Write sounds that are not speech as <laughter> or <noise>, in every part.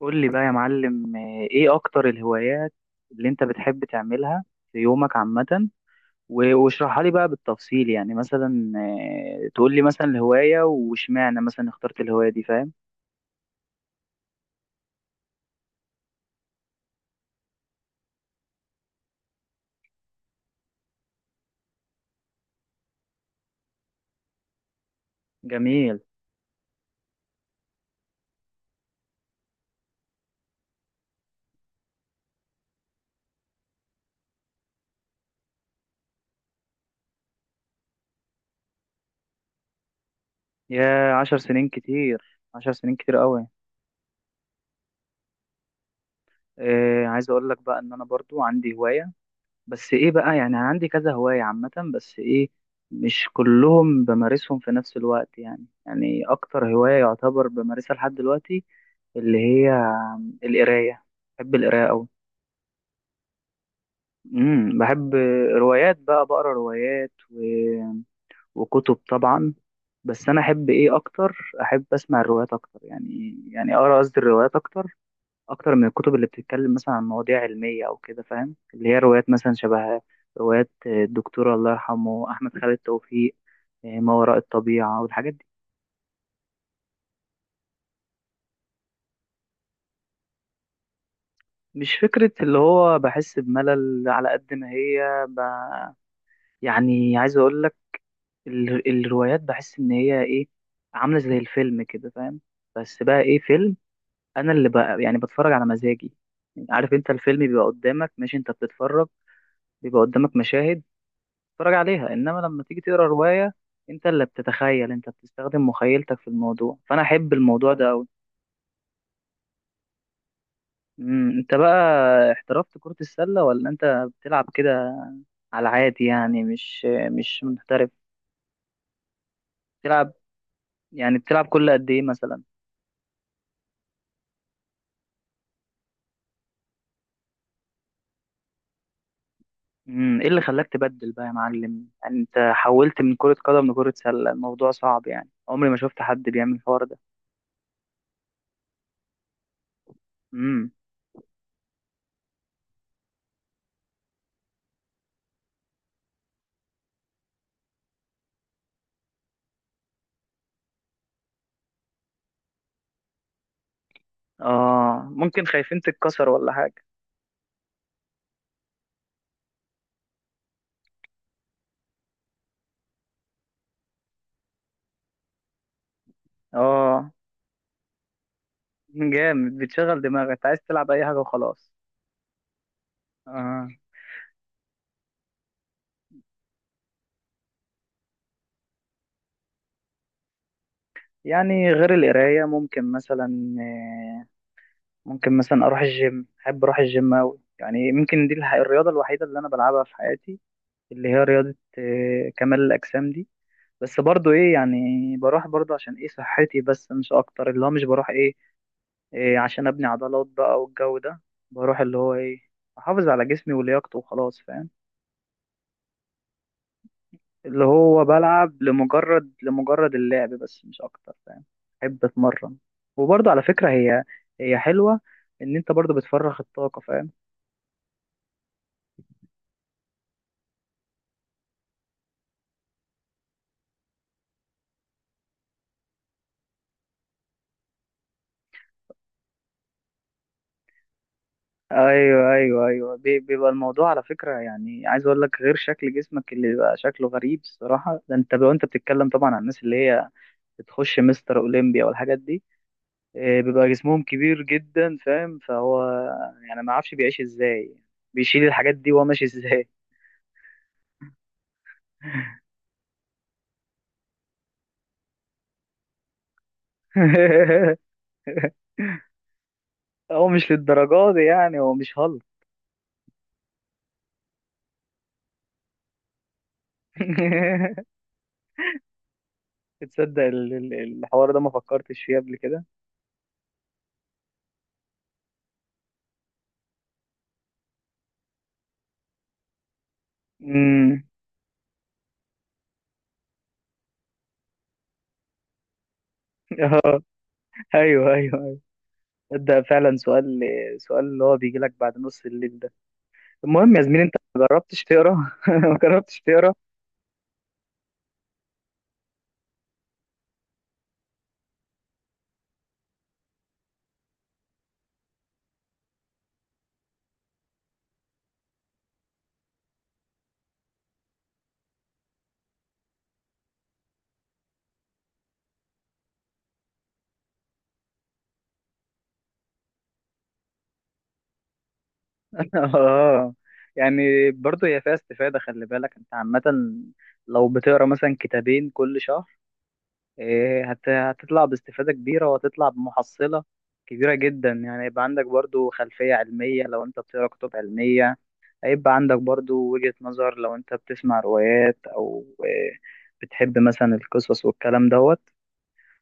قول لي بقى يا معلم ايه اكتر الهوايات اللي انت بتحب تعملها في يومك عامة. و- واشرحها لي بقى بالتفصيل، يعني مثلا تقول لي مثلا الهواية، واشمعنى مثلا اخترت الهواية دي؟ فاهم. جميل. يا 10 سنين كتير، 10 سنين كتير قوي. إيه عايز اقول لك بقى ان انا برضو عندي هواية، بس ايه بقى، يعني أنا عندي كذا هواية عامة، بس ايه مش كلهم بمارسهم في نفس الوقت. يعني يعني اكتر هواية يعتبر بمارسها لحد دلوقتي اللي هي القراية. بحب القراية أوي. بحب روايات بقى، بقرا روايات وكتب طبعا. بس انا احب ايه اكتر؟ احب اسمع الروايات اكتر، يعني يعني اقرا قصدي الروايات اكتر، اكتر من الكتب اللي بتتكلم مثلا عن مواضيع علميه او كده، فاهم؟ اللي هي روايات مثلا شبه روايات الدكتور الله يرحمه احمد خالد توفيق، إيه، ما وراء الطبيعه والحاجات دي. مش فكره اللي هو بحس بملل على قد ما هي يعني عايز اقول لك ال- الروايات بحس ان هي ايه، عامله زي الفيلم كده فاهم. بس بقى ايه فيلم؟ انا اللي بقى يعني بتفرج على مزاجي، يعني عارف انت الفيلم بيبقى قدامك ماشي، انت بتتفرج، بيبقى قدامك مشاهد تتفرج عليها، انما لما تيجي تقرا روايه انت اللي بتتخيل، انت بتستخدم مخيلتك في الموضوع، فانا احب الموضوع ده قوي. انت بقى احترفت كرة السلة؟ ولا انت بتلعب كده على عادي يعني، مش محترف؟ بتلعب يعني؟ بتلعب كل قد ايه مثلا؟ ايه اللي خلاك تبدل بقى يا معلم؟ يعني انت حولت من كرة قدم لكرة سلة، الموضوع صعب يعني، عمري ما شفت حد بيعمل الحوار ده. امم اه ممكن خايفين تتكسر ولا حاجة. اه جامد، بتشغل دماغك، انت عايز تلعب اي حاجة وخلاص. اه. يعني غير القراية، ممكن مثلا ممكن مثلا اروح الجيم، احب اروح الجيم اوي يعني. ممكن دي الرياضة الوحيدة اللي انا بلعبها في حياتي، اللي هي رياضة كمال الأجسام دي. بس برضو ايه يعني، بروح برضو عشان ايه؟ صحتي، بس مش اكتر. اللي هو مش بروح ايه، إيه، عشان ابني عضلات بقى والجو ده. بروح اللي هو ايه، احافظ على جسمي ولياقته وخلاص، فاهم. اللي هو بلعب لمجرد لمجرد اللعب بس، مش اكتر، فاهم. احب اتمرن. وبرضو على فكرة هي هي حلوة ان انت برضو بتفرغ الطاقة، فاهم. ايوه، ايوه، ايوه، بيبقى الموضوع على فكره، يعني عايز اقول لك غير شكل جسمك اللي بيبقى شكله غريب الصراحه ده، انت لو انت بتتكلم طبعا عن الناس اللي هي بتخش مستر اولمبيا والحاجات دي، بيبقى جسمهم كبير جدا، فاهم. فهو يعني ما اعرفش بيعيش ازاي، بيشيل الحاجات دي وهو ماشي ازاي؟ <laughs> هو مش للدرجة دي يعني، هو مش هالك. <laughs> تصدق الحوار ده ما فكرتش فيه قبل كده. امم <laughs> اه، ايوه ايوه أيوة. ده فعلا سؤال، سؤال اللي هو بيجي لك بعد نص الليل ده. المهم يا زميلي، انت ما جربتش تقرا؟ <laughs> ما جربتش. اه يعني برضه هي فيها استفادة، خلي بالك. انت عامة لو بتقرا مثلا كتابين كل شهر، إيه، هتطلع باستفادة كبيرة، وهتطلع بمحصلة كبيرة جدا، يعني يبقى عندك برضه خلفية علمية لو انت بتقرا كتب علمية، هيبقى عندك برضه وجهة نظر لو انت بتسمع روايات، او إيه، بتحب مثلا القصص والكلام دوت.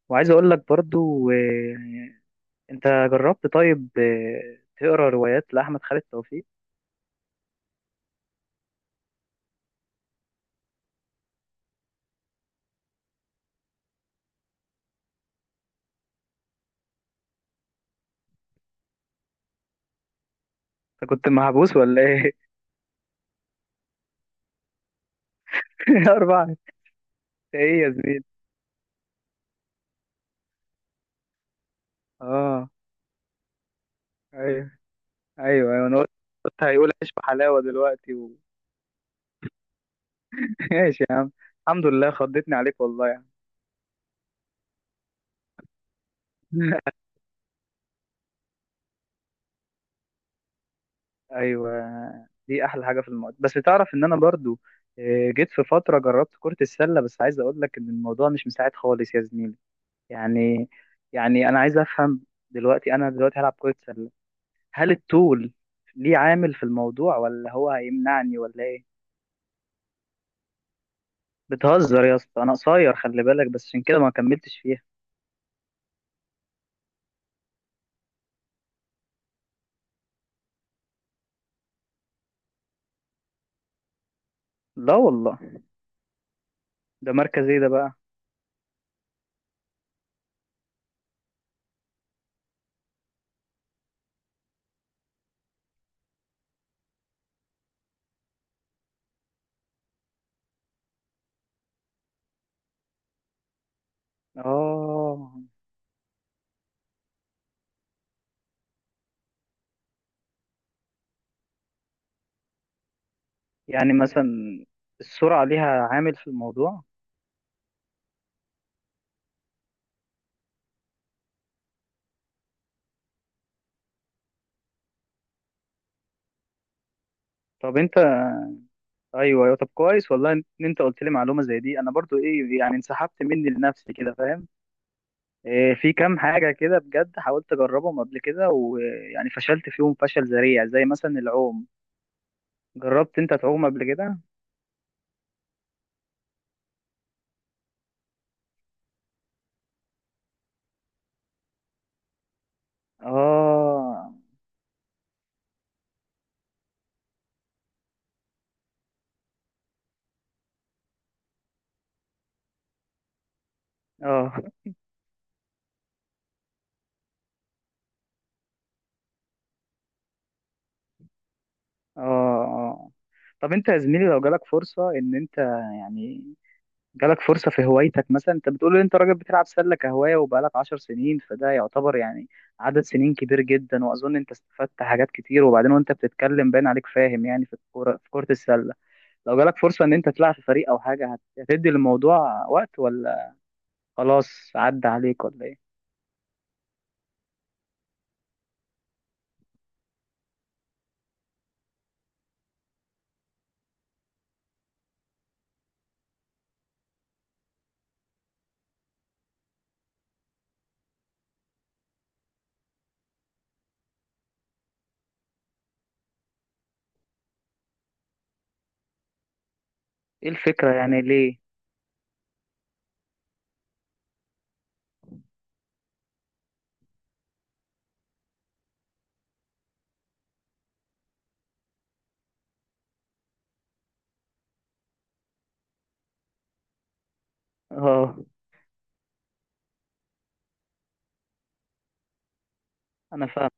وعايز اقول لك برضه إيه، انت جربت طيب إيه، تقرا روايات لأحمد خالد توفيق؟ انت كنت محبوس ولا ايه؟ <laughs> أربعة، إيه يا زميلي! أه، أيوه أيوه أيوه، أنا قلت، قلت هيقول عيش بحلاوة دلوقتي <laughs> ماشي يا عم، الحمد لله، خضتني عليك والله يعني. <laughs> أيوه. دي أحلى حاجة في الموضوع. بس تعرف إن أنا برضو جيت في فترة جربت كرة السلة، بس عايز أقول لك إن الموضوع مش مساعد خالص يا زميلي، يعني يعني أنا عايز أفهم دلوقتي، أنا دلوقتي هلعب كرة سلة، هل الطول ليه عامل في الموضوع؟ ولا هو هيمنعني ولا إيه؟ بتهزر يا اسطى، انا قصير خلي بالك، بس عشان كده ما كملتش فيها. لا والله. ده مركز ايه ده بقى؟ اه. يعني مثلا السرعة ليها عامل في الموضوع؟ طب انت، ايوه ايوه، طب كويس والله ان انت قلت لي معلومة زي دي، انا برضو ايه يعني انسحبت مني لنفسي كده، فاهم. إيه، في كام حاجة كده بجد حاولت اجربهم قبل كده، ويعني فشلت فيهم فشل ذريع، زي مثلا العوم. جربت انت تعوم قبل كده؟ اه، اه. <laughs> اه، اه. طب انت يا زميلي لو جالك فرصة ان انت، يعني جالك فرصة في هوايتك، مثلا انت بتقول ان انت راجل بتلعب سلة كهواية وبقالك 10 سنين، فده يعتبر يعني عدد سنين كبير جدا، واظن انت استفدت حاجات كتير، وبعدين وانت بتتكلم باين عليك، فاهم يعني في الكورة في كرة السلة. لو جالك فرصة ان انت تلعب في فريق او حاجة، هتدي للموضوع وقت؟ ولا خلاص عدى عليك ولا ايه؟ ايه الفكرة يعني ليه؟ اه انا فاهم.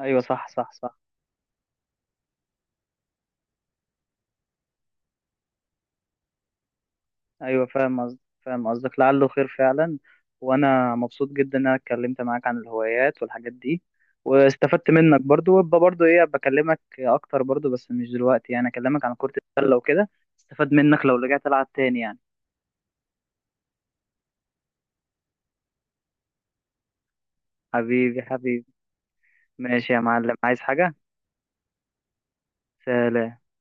ايوه صح صح صح. ايوه فاهم قصدك، فاهم قصدك، لعله خير فعلا. وانا مبسوط جدا ان انا اتكلمت معاك عن الهوايات والحاجات دي، واستفدت منك برضو، وابقى برضو ايه بكلمك اكتر برضو، بس مش دلوقتي، يعني اكلمك عن كرة السلة وكده، استفاد منك لو رجعت العب تاني يعني. حبيبي حبيبي. ماشي يا معلم، عايز حاجة؟ سلام.